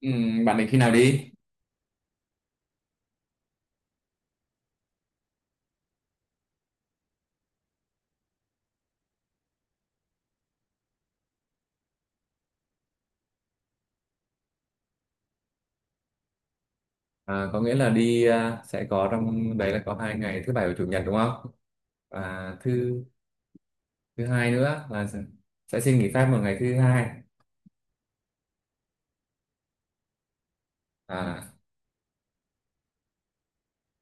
Ừ, bạn định khi nào đi? À, có nghĩa là đi, sẽ có trong đấy là có 2 ngày thứ bảy và chủ nhật đúng không? Và thứ thứ hai nữa là sẽ xin nghỉ phép một ngày thứ hai. À,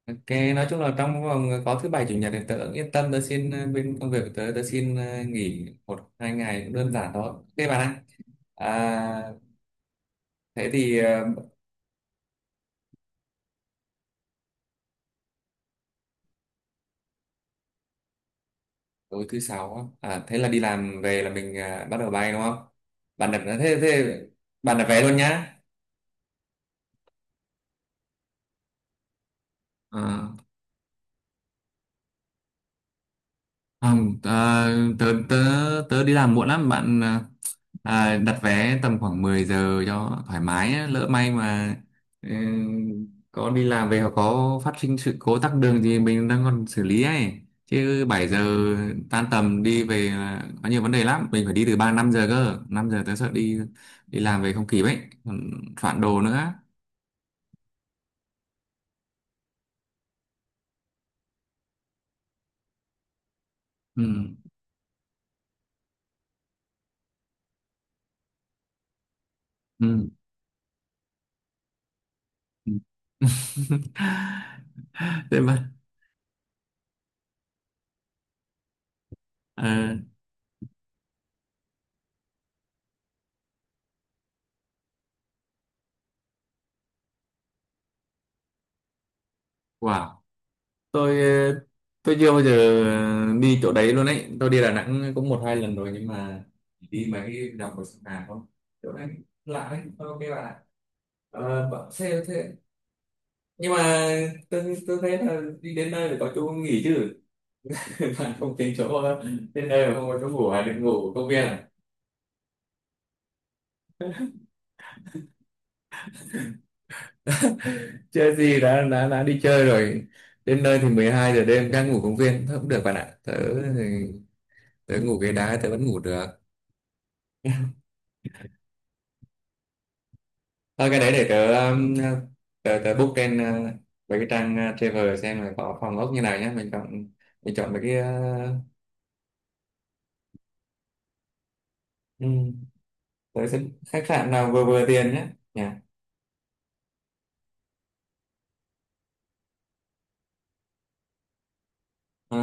ok, nói chung là trong vòng có thứ bảy chủ nhật thì tớ yên tâm tớ xin bên công việc của tớ tớ xin nghỉ 1 2 ngày cũng đơn giản thôi. Ok bạn ạ. À, thế thì tối thứ sáu á. Thế là đi làm về là mình bắt đầu bay đúng không? Bạn đặt thế thế bạn đặt vé luôn nhá. À. Không, tớ, tớ, tớ đi làm muộn lắm bạn à, đặt vé tầm khoảng 10 giờ cho thoải mái á. Lỡ may mà ừ, có đi làm về hoặc có phát sinh sự cố tắc đường thì mình đang còn xử lý ấy chứ 7 giờ tan tầm đi về là có nhiều vấn đề lắm mình phải đi từ 3 5 giờ cơ 5 giờ tớ sợ đi đi làm về không kịp ấy còn soạn đồ nữa. Ừ, ừ. Ừ. Thế mà ờ, wow. Tôi ờ, tôi chưa bao giờ đi chỗ đấy luôn ấy, tôi đi Đà Nẵng cũng một hai lần rồi nhưng mà chỉ đi mấy cái đồng hồ sông Hàn không. Chỗ đấy lạ đấy, tôi ok là bảo xe thế. Nhưng mà tôi thấy là đi đến nơi phải có chỗ nghỉ chứ. Bạn không tính chỗ đến nơi mà không có chỗ ngủ à, định ngủ ở công viên à? Chơi gì, đã đi chơi rồi, đến nơi thì 12 giờ đêm đang ngủ công viên thôi cũng được bạn ạ. Thì- Tớ ngủ ghế đá tớ vẫn ngủ được. Thôi cái đấy để tớ book trên mấy cái trang travel xem là có phòng ốc như nào nhé. Mình chọn mấy cái ừm, tớ sẽ khách sạn nào vừa vừa tiền nhé. Nhỉ? Ờ,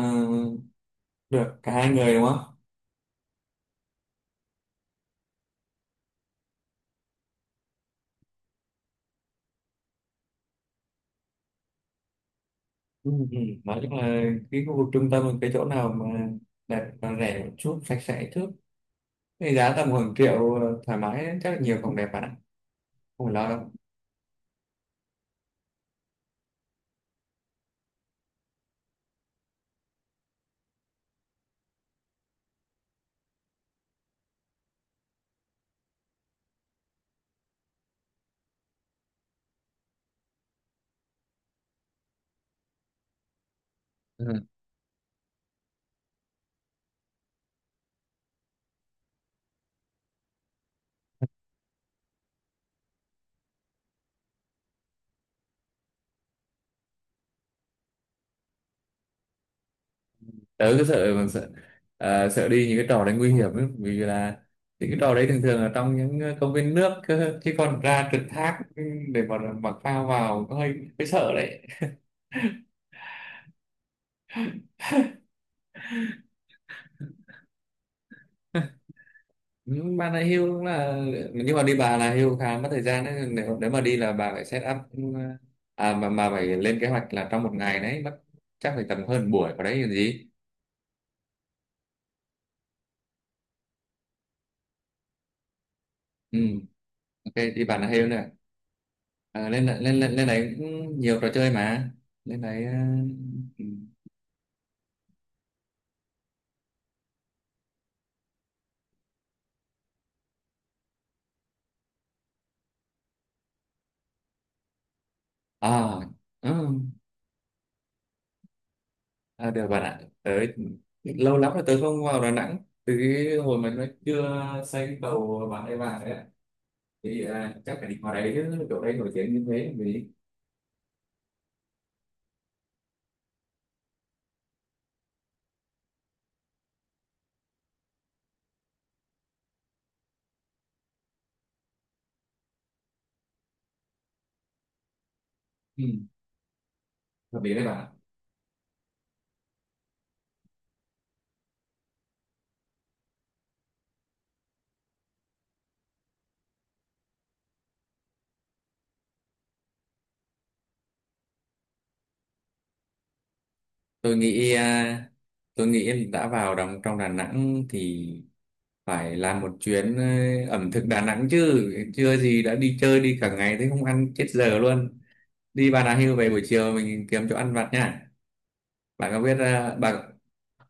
được cả hai người đúng không? Ừ. Ừ. Nói chung là cái khu vực trung tâm là cái chỗ nào mà đẹp và rẻ một chút, sạch sẽ trước. Cái giá tầm khoảng triệu thoải mái, chắc là nhiều phòng đẹp bạn ạ. Không phải lo đâu. Tớ cứ sợ bằng sợ, sợ đi những cái trò đấy nguy hiểm ấy, vì là những cái trò đấy thường thường là trong những công viên nước cơ, chứ còn ra trượt thác để mà mặc phao vào có hơi hơi sợ đấy. Ừ, bà này hưu cũng là, nhưng mà đi bà là hưu khá mất thời gian đấy, nếu nếu mà đi là bà phải set up à mà phải lên kế hoạch là trong một ngày đấy mất chắc phải tầm hơn buổi vào đấy làm gì. Ừ. Ok đi bà là hưu nè. Lên lên lên lên này cũng nhiều trò chơi mà, lên đấy ừ. À, ừ, à, được bạn ạ. Tới lâu lắm rồi tớ không vào Đà Nẵng. Từ cái hồi mà nó chưa xây cầu bà ấy vào đấy ạ. Thì chắc phải đi vào đấy chứ, chỗ đấy nổi tiếng như thế vì ừ. Hợp lý đấy bạn ạ. Tôi nghĩ à, tôi nghĩ em đã vào đồng trong Đà Nẵng thì phải làm một chuyến ẩm thực Đà Nẵng chứ. Chưa gì đã đi chơi đi cả ngày thế không ăn chết giờ luôn. Đi Bà Nà Hills về buổi chiều mình kiếm chỗ ăn vặt nha. Bạn có biết uh,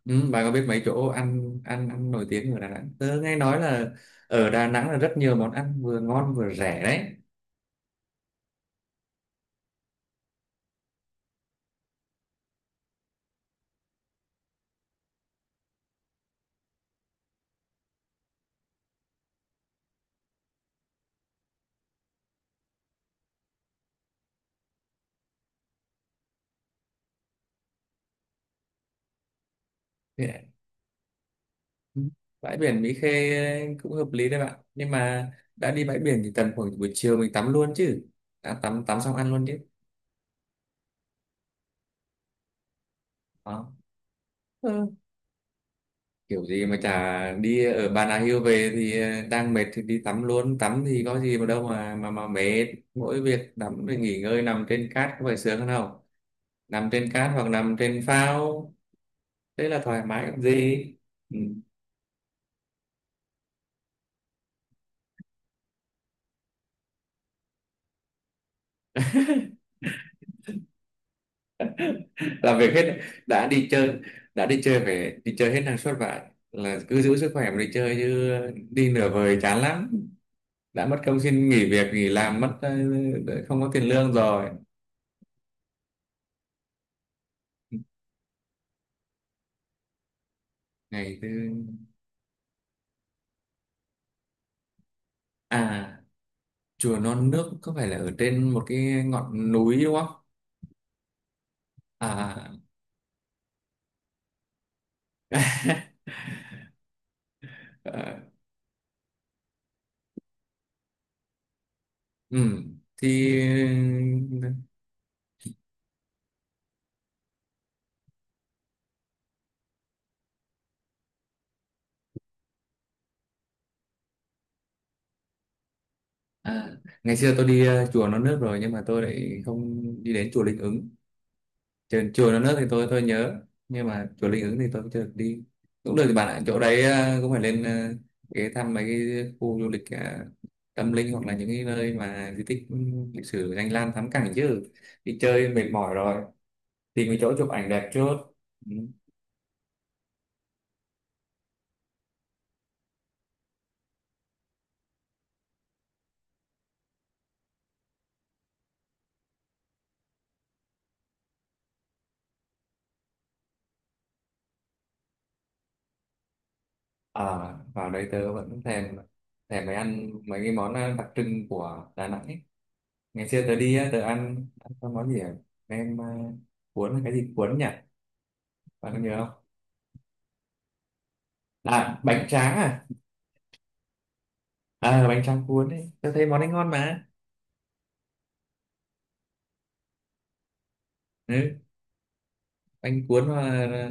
Ừ, bà có biết mấy chỗ ăn ăn ăn nổi tiếng ở Đà Nẵng? Tớ nghe nói là ở Đà Nẵng là rất nhiều món ăn vừa ngon vừa rẻ đấy. Thì- ừ, Bãi biển Mỹ Khê cũng hợp lý đấy bạn. Nhưng mà đã đi bãi biển thì tầm khoảng buổi chiều mình tắm luôn chứ. Đã tắm tắm xong ăn luôn chứ. Đó. Ừ. Kiểu gì mà chả đi, ở Bà Nà Hills về thì đang mệt thì đi tắm luôn. Tắm thì có gì mà đâu mà mệt. Mỗi việc tắm rồi nghỉ ngơi nằm trên cát có phải sướng hơn không? Nằm trên cát hoặc nằm trên phao thế là thoải mái làm gì. Ừ. Làm việc hết. đã đi chơi đã đi chơi phải đi chơi hết năng suất vậy, là cứ giữ sức khỏe mà đi chơi chứ đi nửa vời chán lắm, đã mất công xin nghỉ việc nghỉ làm mất không có tiền lương rồi. Ngày thứ à Chùa Non Nước có phải là ở trên một cái ngọn núi đúng không à? Ờ, ừ thì à, ngày xưa tôi đi chùa Non Nước rồi nhưng mà tôi lại không đi đến chùa Linh Ứng. Chùa Non Nước thì tôi nhớ, nhưng mà chùa Linh Ứng thì tôi cũng chưa được đi. Cũng được thì bạn ạ, chỗ đấy cũng phải lên ghé thăm mấy cái khu du lịch tâm linh hoặc là những cái nơi mà di tích lịch sử danh lam thắng cảnh chứ, đi chơi mệt mỏi rồi tìm cái chỗ chụp ảnh đẹp trước. Ừ. à, Vào đây tớ vẫn thèm thèm mấy ăn mấy cái món đặc trưng của Đà Nẵng ấy. Ngày xưa tớ đi á, tớ ăn ăn cái món gì nem cuốn là cái gì cuốn nhỉ, bạn có nhớ không? À bánh tráng à bánh tráng cuốn ấy, tao thấy món ấy ngon mà. Ừ. Bánh cuốn hoặc là,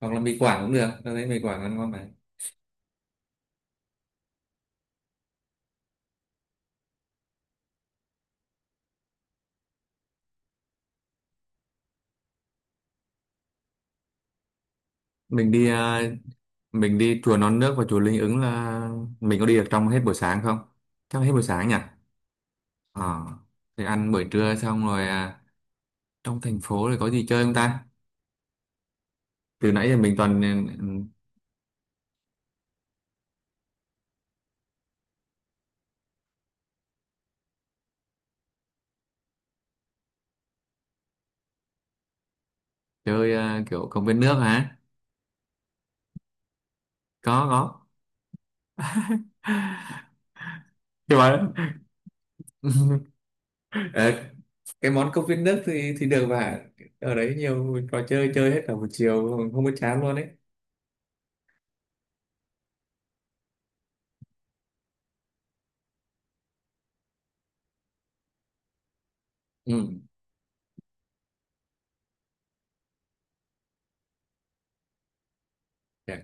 mì Quảng cũng được, tao thấy mì Quảng ăn ngon mà. Mình đi à, mình đi chùa Non Nước và chùa Linh Ứng là mình có đi được trong hết buổi sáng không, chắc là hết buổi sáng nhỉ? ờ thì ăn buổi trưa xong rồi trong thành phố thì có gì chơi không ta, từ nãy giờ mình toàn chơi kiểu công viên nước hả? Có có. Thì bảo. Ờ, cái món cốc viên nước thì được mà, ở đấy nhiều trò chơi chơi hết cả một chiều không có chán luôn đấy. Ừ. Dạ,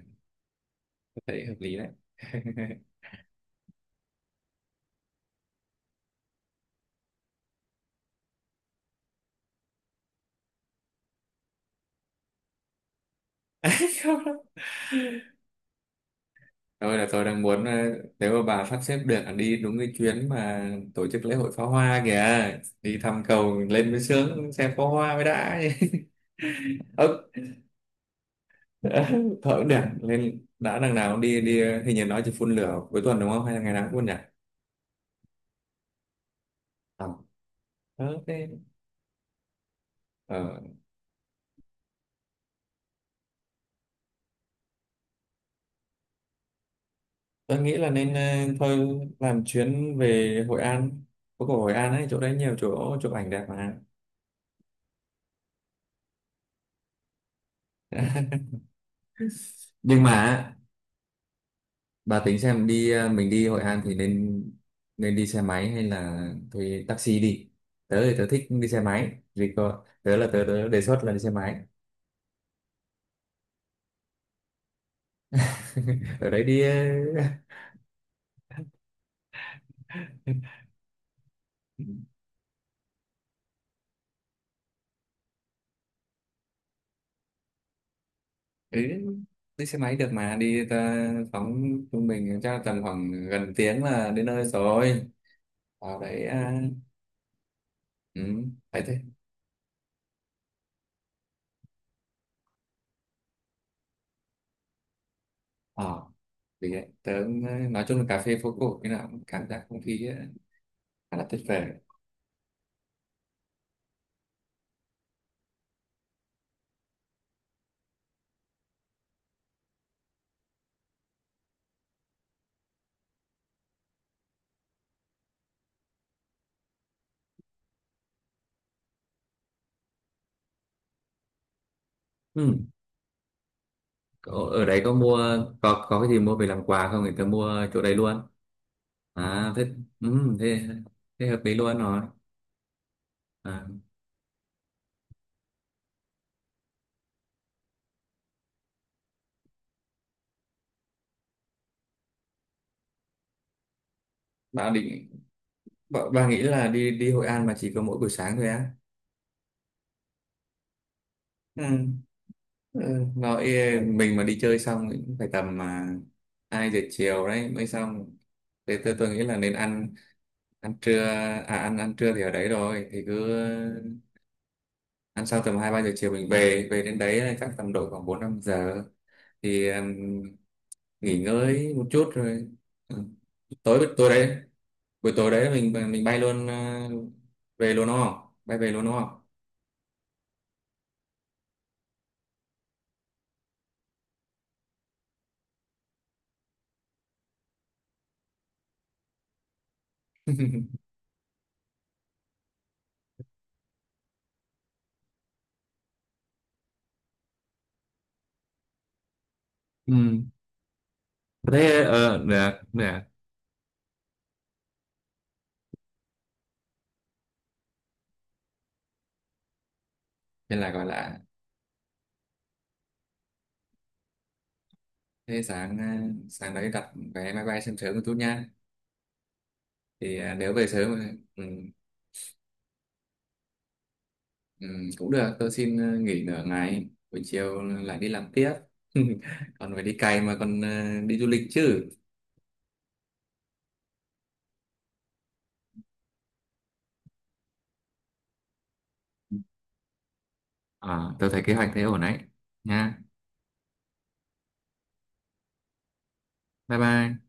tôi thấy hợp lý đấy. Không đâu. Thôi là tôi đang muốn nếu mà bà sắp xếp được là đi đúng cái chuyến mà tổ chức lễ hội pháo hoa kìa, đi thăm cầu lên mới sướng, xem pháo hoa mới đã. Ừ. Thôi cũng được lên, đã đằng nào cũng đi đi ờ, Hình như nói chỉ phun lửa cuối tuần đúng không, hay là ngày nào cũng phun nhỉ? Ờ Thế ờ tôi nghĩ là nên thôi làm chuyến về Hội An. Phố cổ Hội An ấy, chỗ đấy nhiều chỗ chụp ảnh đẹp mà. Nhưng mà á, bà tính xem đi mình đi Hội An thì nên nên đi xe máy hay là thuê taxi đi? Tớ thì tớ thích đi xe máy, vì có tớ là tớ đề xuất là đi xe máy. Ở đấy đi Ừ, đi xe máy được mà đi phóng trung bình chắc tầm khoảng gần tiếng là đến nơi rồi. Vào đấy à, ừ, phải thế. Ờ. Vì vậy tớ nói chung là cà phê phố cổ cái nào cũng cảm giác không khí ấy, khá là tuyệt vời. Ừ. Ở Ở đấy có mua, có cái gì mua về làm quà không thì tớ mua chỗ đấy luôn. À thế, ừ, thế thế hợp lý luôn rồi. à, bà định, bà nghĩ là đi đi Hội An mà chỉ có mỗi buổi sáng thôi á? Ừ. Ừ. Nói, mình mà đi chơi xong thì cũng phải tầm mà 2 giờ chiều đấy mới xong, thế tôi nghĩ là nên ăn ăn trưa, à ăn ăn trưa thì ở đấy rồi thì cứ ăn xong tầm 2 3 giờ chiều mình về, đến đấy là chắc tầm độ khoảng 4 5 giờ thì nghỉ ngơi một chút rồi. Ừ. tối tối đấy Buổi tối đấy mình bay luôn về luôn đúng không, bay về luôn đúng không? Ừ. Thế được được. Nên là gọi là thế, sáng đấy đặt vé máy bay sớm sớm một chút nha, thì nếu về sớm ừ, ừ, cũng được tôi xin nghỉ nửa ngày buổi chiều lại đi làm tiếp. Còn phải đi cày mà, còn đi du lịch chứ. Ờ, tôi thấy kế hoạch thế ổn đấy. Nha. Bye bye.